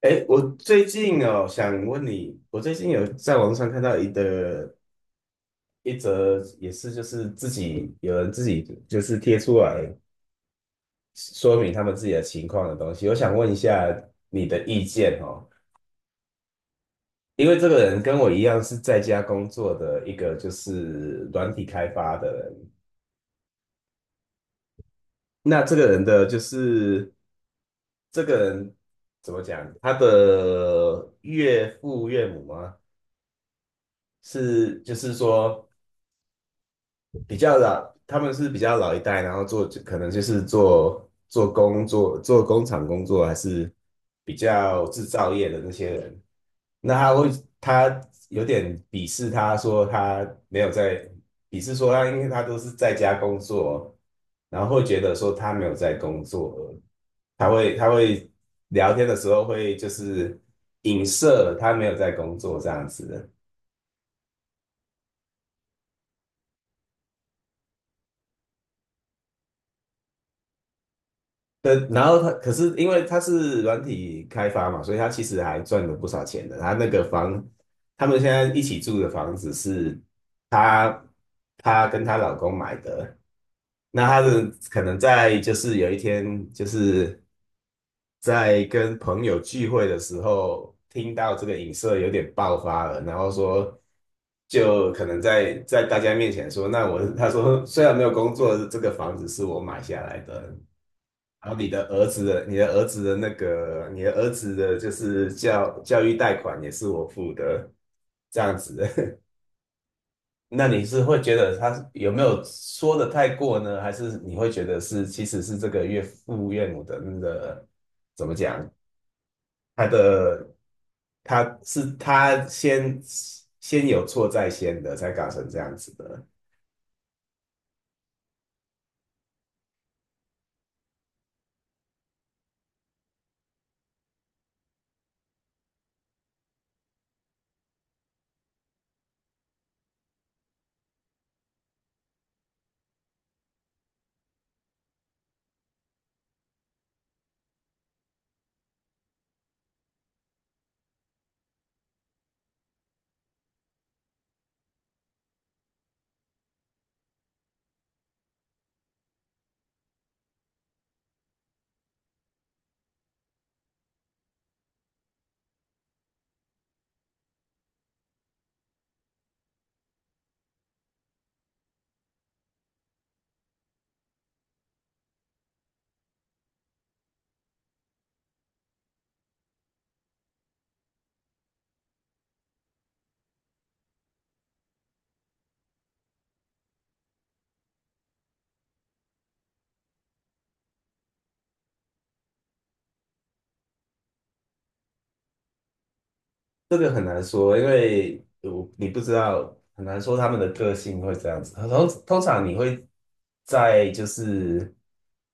哎，我最近哦，想问你，我最近有在网上看到一则，也是就是有人自己就是贴出来说明他们自己的情况的东西，我想问一下你的意见哦，因为这个人跟我一样是在家工作的一个就是软体开发的人，那这个人的就是这个人怎么讲，他的岳父岳母吗？是就是说。比较老，他们是比较老一代，然后做可能就是做工厂工作，还是比较制造业的那些人。那他会他有点鄙视他说他没有在鄙视说他，因为他都是在家工作，然后会觉得说他没有在工作，他会聊天的时候会就是影射他没有在工作这样子的。那然后他可是因为他是软体开发嘛，所以他其实还赚了不少钱的。他那个房，他们现在一起住的房子是他他跟她老公买的。那他的可能在就是有一天就是在跟朋友聚会的时候，听到这个影射有点爆发了，然后就可能在大家面前说，他说 虽然没有工作，这个房子是我买下来的。然后你的儿子的，就是教育贷款也是我付的，这样子。那你是会觉得他有没有说的太过呢？还是你会觉得其实是这个岳父岳母的那个他的他是先有错在先的，才搞成这样子的？这个很难说，因为我你不知道，很难说他们的个性会这样子。通常你会就是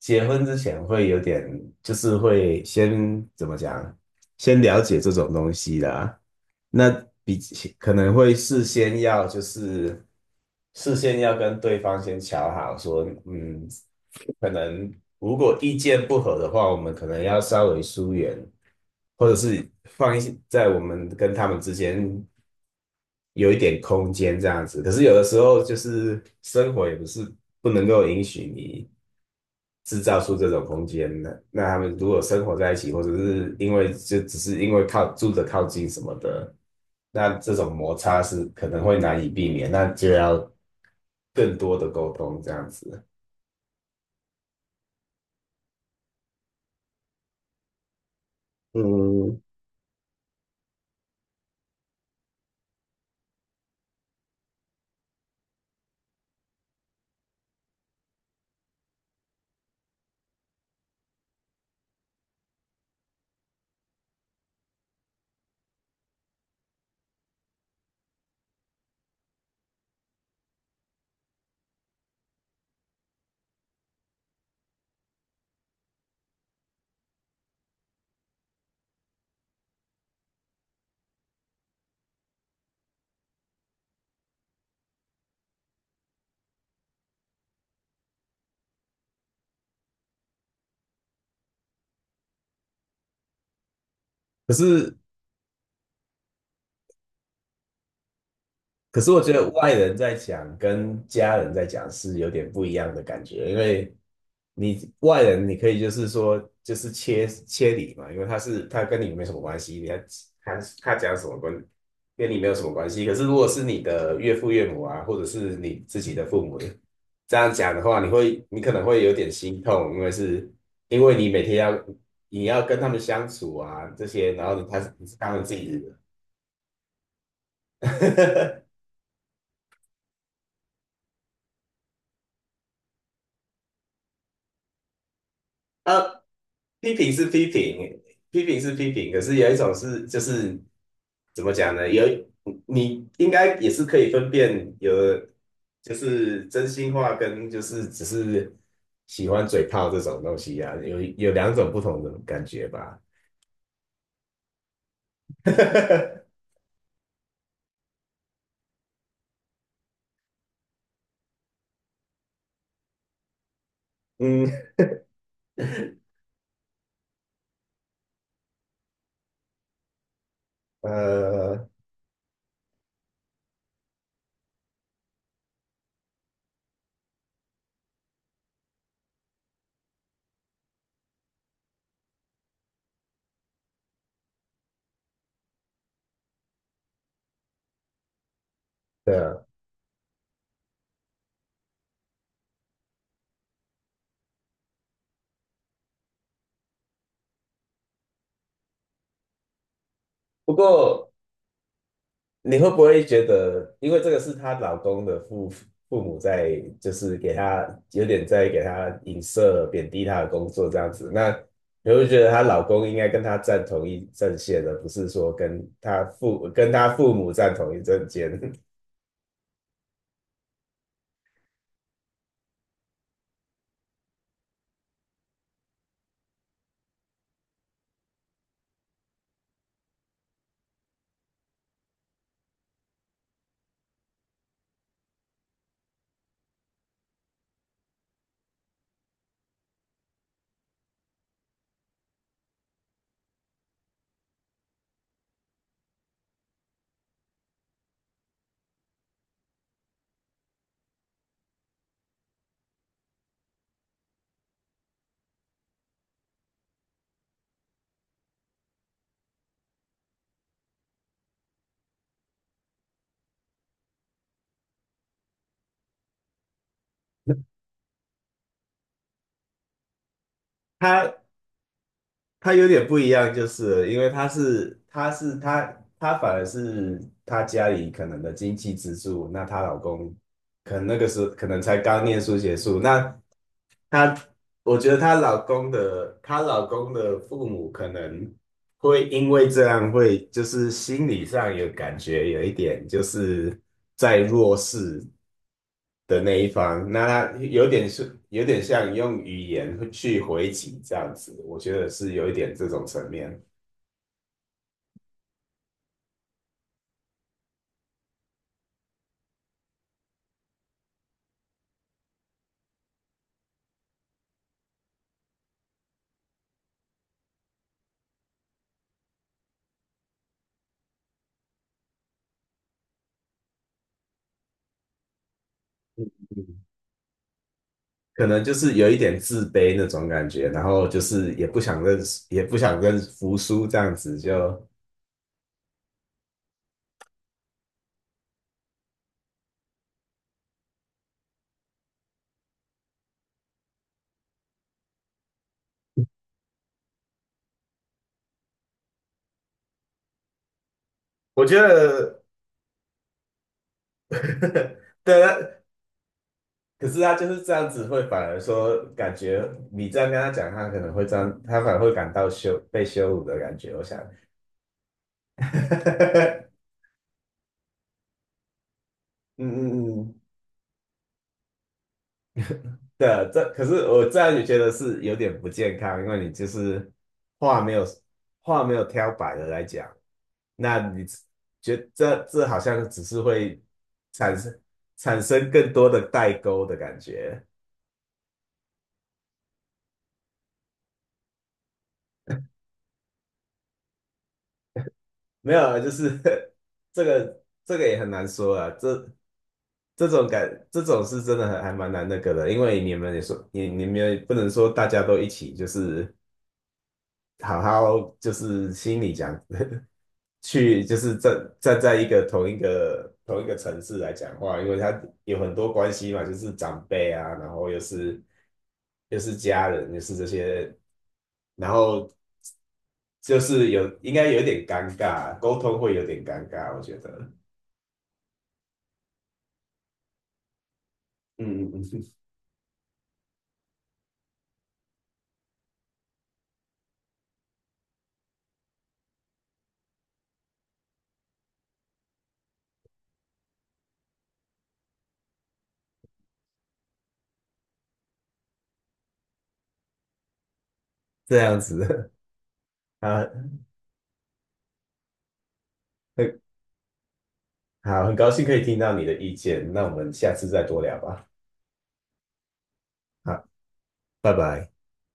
结婚之前会有点，就是会先怎么讲，先了解这种东西啦。那比起可能会事先要跟对方先瞧好说，嗯，可能如果意见不合的话，我们可能要稍微疏远，或者是放一些在我们跟他们之间有一点空间这样子。可是有的时候就是生活也不是不能够允许你制造出这种空间的。那他们如果生活在一起，或者是因为就只是因为靠近什么的，那这种摩擦是可能会难以避免，那就要更多的沟通这样子。嗯，可是可是我觉得外人在讲跟家人在讲是有点不一样的感觉，因为你外人你可以就是说就是切切理嘛，因为他是他跟你没什么关系，他讲什么跟你没有什么关系。可是如果是你的岳父岳母啊，或者是你自己的父母这样讲的话，你会你可能会有点心痛，因为你每天要跟他们相处啊这些，然后他们自己的 啊，批评是批评，可是有一种是就是怎么讲呢？你应该也是可以分辨有，就是真心话跟就是只是喜欢嘴炮这种东西呀。有两种不同的感觉吧。嗯，呃，对啊。不过你会不会觉得，因为这个是她老公的父母在，就是给她有点在给她影射、贬低她的工作这样子，那你会不会觉得她老公应该跟她站同一阵线的，不是说跟她父母站同一阵线？她她有点不一样，就是了因为她反而是她家里可能的经济支柱，那她老公可能那个时候可能才刚念书结束，她，我觉得她老公的父母可能会因为这样，会就是心理上有感觉，有一点就是在弱势的那一方，那她有点是有点像用语言去回击这样子，我觉得是有一点这种层面。嗯嗯，可能就是有一点自卑那种感觉，然后就是也不想认输也不想认服输，这样子就，我觉得，对，可是他就是这样子，会反而说感觉你这样跟他讲，他可能会这样，他反而会感到被羞辱的感觉。我想，嗯嗯嗯，对啊，这可是我这样也觉得是有点不健康，因为你就是话没有话没有挑白的来讲，那你觉这这好像只是会产生产生更多的代沟的感觉，没有啊，就是 这个也很难说啊。这种是真的还蛮难那个的，因为你们也不能说大家都一起，就是好好就是心里讲，去就是站在一个同一个同一个城市来讲话，因为他有很多关系嘛，就是长辈啊，然后又是家人，又是这些，然后就是应该有点尴尬，沟通会有点尴尬，我觉得，嗯嗯嗯，这样子 啊，好，很高兴可以听到你的意见，那我们下次再多聊吧。好，拜拜。